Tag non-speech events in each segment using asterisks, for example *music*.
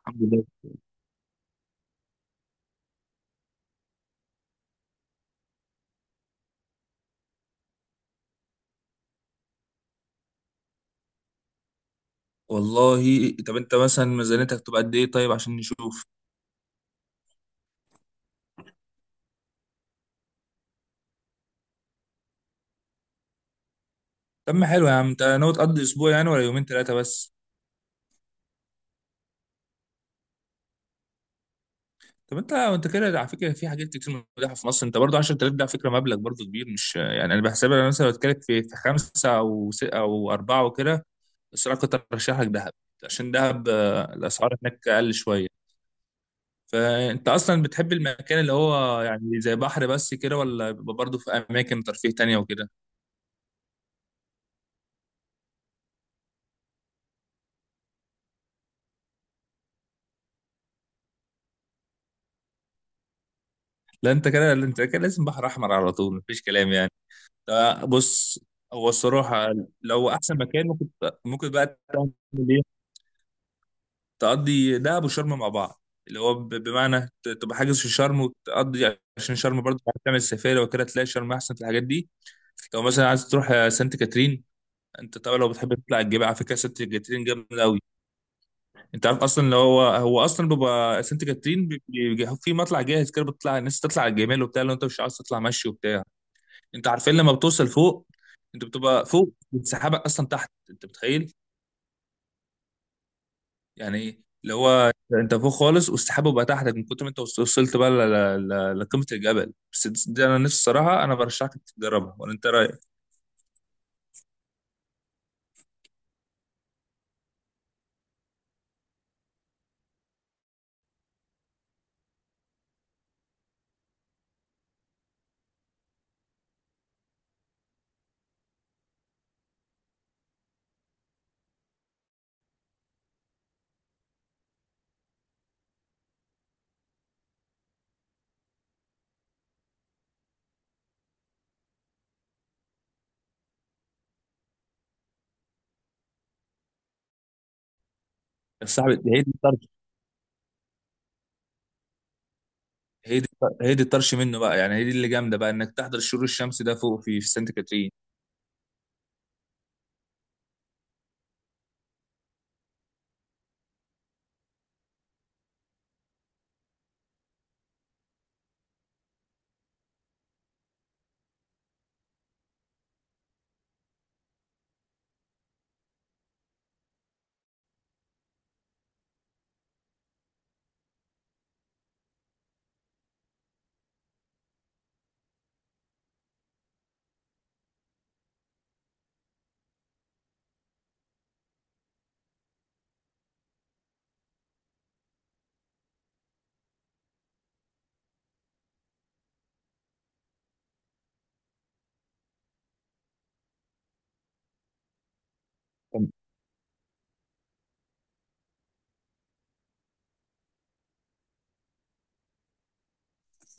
الحمد لله. والله، طب انت مثلا ميزانيتك تبقى قد ايه؟ طيب عشان نشوف. طب ما حلو يا عم، انت ناوي تقضي اسبوع يعني ولا يومين ثلاثه بس؟ طب انت كده على فكره في حاجات كتير متاحه في مصر. انت برضه 10000 ده على فكره مبلغ برضه كبير، مش يعني، انا بحسبها، انا مثلا بتكلم في خمسه او اربعه وكده. بس انا كنت ارشح لك دهب، عشان دهب الاسعار هناك اقل شويه. فانت اصلا بتحب المكان اللي هو يعني زي بحر بس كده، ولا بيبقى برضه في اماكن ترفيه تانية وكده؟ لا انت كده لازم بحر احمر على طول، مفيش كلام يعني. ده بص، هو الصراحه لو احسن مكان ممكن بقى تعمل ايه، تقضي دهب وشرم مع بعض، اللي هو بمعنى تبقى حاجز في شرم وتقضي، عشان شرم برضه تعمل سفاري وكده، تلاقي شرم احسن في الحاجات دي. لو مثلا عايز تروح سانت كاترين، انت طبعا لو بتحب تطلع الجبال، على فكره سانت كاترين جامد قوي. انت عارف اصلا اللي هو اصلا بيبقى سانت كاترين بيبقى في مطلع جاهز كده، بتطلع الناس تطلع على الجمال وبتاع لو انت مش عايز تطلع مشي وبتاع. انت عارفين لما بتوصل فوق، انت بتبقى فوق والسحابه اصلا تحت، انت متخيل؟ يعني ايه؟ اللي هو انت فوق خالص والسحابه بقى تحتك من كتر ما انت وصلت بقى لقمه الجبل. بس دي انا نفسي الصراحه، انا برشحك تجربها، ولا انت رايك؟ يا صاحبي هي دي الطرش. هي دي هي دي الطرش منه بقى، يعني هي دي اللي جامده بقى، انك تحضر الشروق الشمسي ده فوق في سانت كاترين.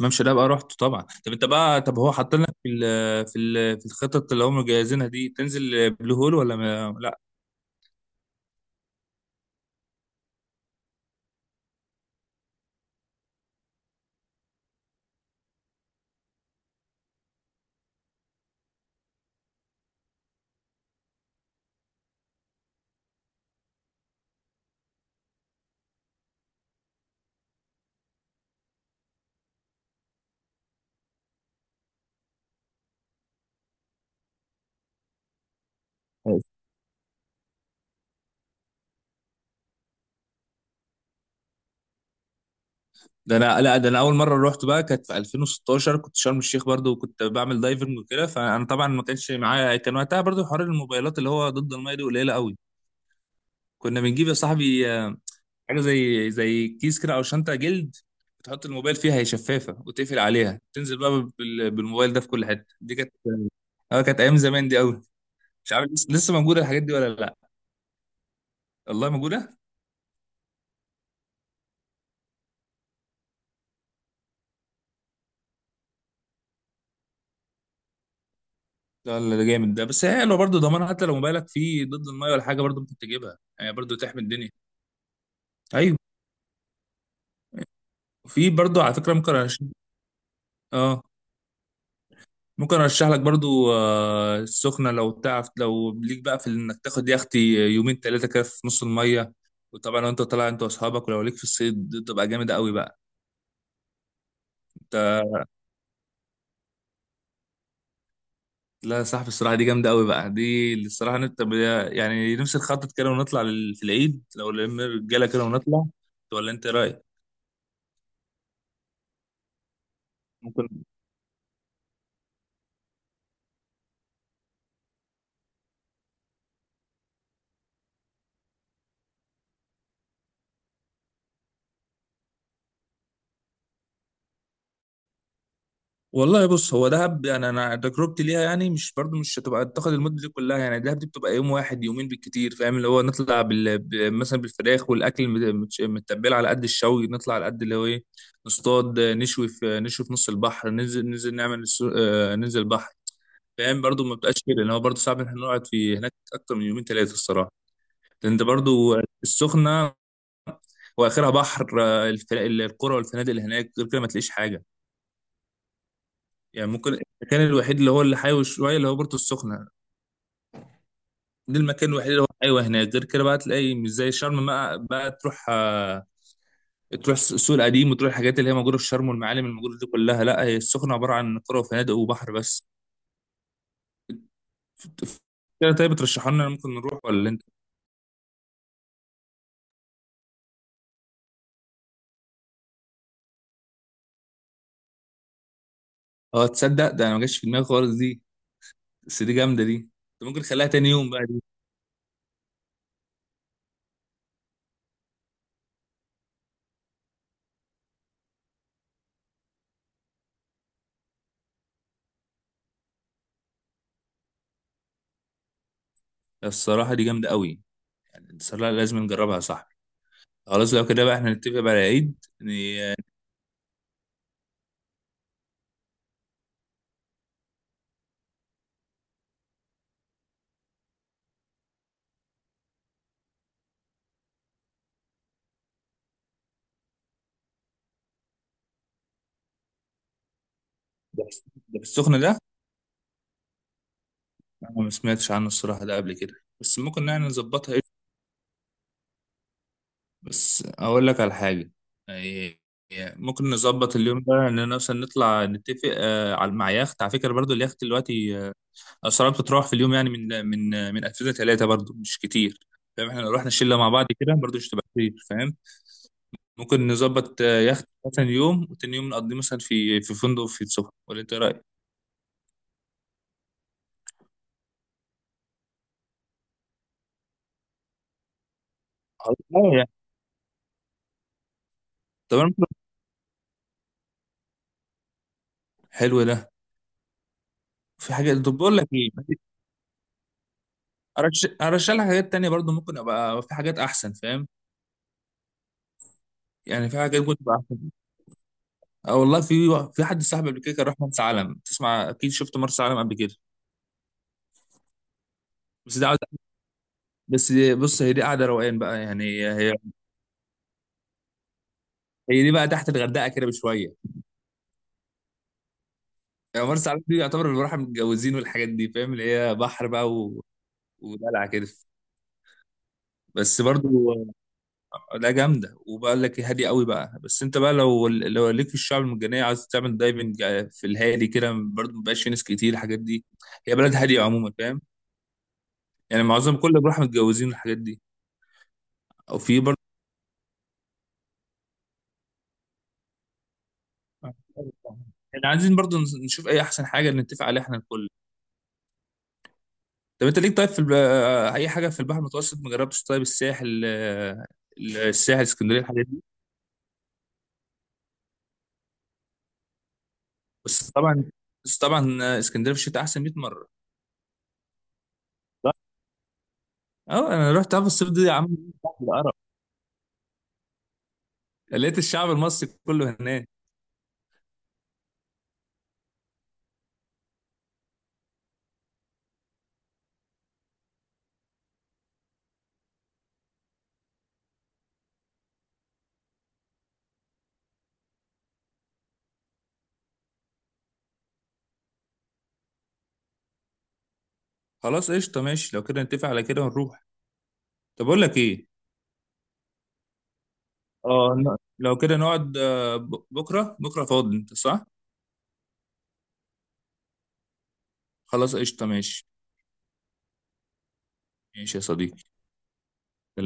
الممشى ده بقى رحته طبعا. طب انت بقى، طب هو حاطط لك في الخطط اللي هم مجهزينها دي تنزل بلو هول ولا ما لا؟ ده انا اول مره رحت بقى كانت في 2016، كنت شرم الشيخ برضو وكنت بعمل دايفنج وكده، فانا طبعا ما كانش معايا، كان وقتها برضو حوار الموبايلات اللي هو ضد الميه دي قليله قوي. كنا بنجيب يا صاحبي حاجه زي كيس كده او شنطه جلد، بتحط الموبايل فيها، هي شفافه وتقفل عليها تنزل بقى بالموبايل ده في كل حته، دي كانت، اه كانت ايام زمان دي قوي. مش عارف لسه موجوده الحاجات دي ولا لا. والله موجوده. ده جامد، ده بس حلو برضو ضمان، حتى لو موبايلك فيه ضد الميه ولا حاجه، برضو ممكن تجيبها يعني برضو تحمي الدنيا. ايوه. في برضو على فكرة ممكن أرشح. اه ممكن أرشح لك برضو السخنة، لو تعرف لو ليك بقى في إنك تاخد يختي يومين تلاتة كده في نص المية. وطبعا لو أنت طالع أنت وأصحابك، ولو ليك في الصيد دي تبقى جامدة أوي بقى. لا يا صاحبي الصراحة دي جامدة أوي بقى، دي اللي الصراحة يعني نفسي نخطط كده ونطلع في العيد لو لم الرجالة كده ونطلع، ولا أنت إيه رأيك؟ والله بص، هو دهب يعني انا تجربتي ليها يعني مش برضو، مش هتبقى تاخد المده دي كلها. يعني دهب دي بتبقى يوم واحد يومين بالكتير، فاهم؟ اللي هو نطلع مثلا بالفراخ والاكل متبل على قد الشوي، نطلع على قد اللي هو ايه، نصطاد نشوي في نص البحر، ننزل نعمل السو... آه، ننزل البحر. فاهم؟ برضو ما بتبقاش كده، لان هو برضو صعب ان احنا نقعد في هناك اكتر من يومين ثلاثه الصراحه، لان انت برضو السخنه واخرها بحر القرى والفنادق اللي هناك، غير كده ما تلاقيش حاجه. يعني ممكن المكان الوحيد اللي هو اللي حيوي شويه اللي هو بورتو السخنه، ده المكان الوحيد اللي هو حيوي هناك، غير كده بقى تلاقي مش زي شرم بقى تروح تروح السوق القديم وتروح الحاجات اللي هي موجوده في شرم والمعالم الموجوده دي كلها. لا، هي السخنه عباره عن قرى وفنادق وبحر بس. ف- كده طيب، بترشحوا لنا ممكن نروح، ولا انت؟ اه تصدق ده انا ما جاش في دماغي خالص دي. بس دي جامده، دي انت ممكن نخليها تاني يوم بقى دي. الصراحه دي جامده قوي، يعني الصراحه لازم نجربها يا صاحبي. خلاص لو كده بقى احنا نتفق بقى على العيد يعني، ده في السخنه ده، انا ما سمعتش عنه الصراحه ده قبل كده، بس ممكن يعني نظبطها ايه. بس اقول لك على حاجه يعني، ممكن نظبط اليوم ده ان مثلا نطلع نتفق على، مع يخت. على فكره برضو اليخت دلوقتي اسعاره بتتراوح في اليوم يعني من اكتر ثلاثه برضو، مش كتير. فاهم؟ احنا لو رحنا الشله مع بعض كده برضو مش هتبقى كتير، فاهم؟ ممكن نظبط يخت مثلا يوم، وتاني يوم نقضيه مثلا في فندق في السخنه، ولا انت إيه رايك؟ خلاص، يعني. طب أنا حلو ده. في حاجه، طب بقول لك ايه، ارشح لك حاجات تانية برضو، ممكن ابقى في حاجات احسن، فاهم؟ يعني في حاجات ممكن تبقى احسن. اه والله في حد صاحبي قبل كده كان راح مرسى علم، تسمع اكيد؟ شفت مرسى علم قبل كده؟ بس ده عاوز- بس دي- بص، هي دي قاعده روقان بقى، يعني هي دي بقى تحت الغردقه كده بشويه. يعني مرسى علم دي يعتبر اللي راح متجوزين والحاجات دي، فاهم؟ اللي هي بحر بقى ودلع كده. بس برضو، لا جامده، وبقول لك هادي قوي بقى، بس انت بقى لو ليك في الشعب المرجانيه، عايز تعمل دايفنج في الهادي كده برضه، مبقاش في ناس كتير الحاجات دي، هي بلد هاديه عموما، فاهم؟ يعني معظم كل اللي بروح متجوزين الحاجات دي، او في برضه *laughs* احنا عايزين برضه نشوف اي احسن حاجه نتفق عليها احنا الكل. طب انت ليك طيب في الب... آه، اي حاجه في البحر المتوسط ما جربتش؟ طيب الساحل الساحل، اسكندريه، الحاجات دي. بس طبعا بس طبعا اسكندريه في الشتاء احسن 100 مره. اه انا رحت في الصيف دي يا عم، لقيت الشعب المصري كله هناك. خلاص قشطه، ماشي لو كده نتفق على كده ونروح. طب اقول لك ايه، اه لو كده نقعد بكره فاضي انت صح؟ خلاص قشطه ماشي. ماشي يا صديقي، سلام.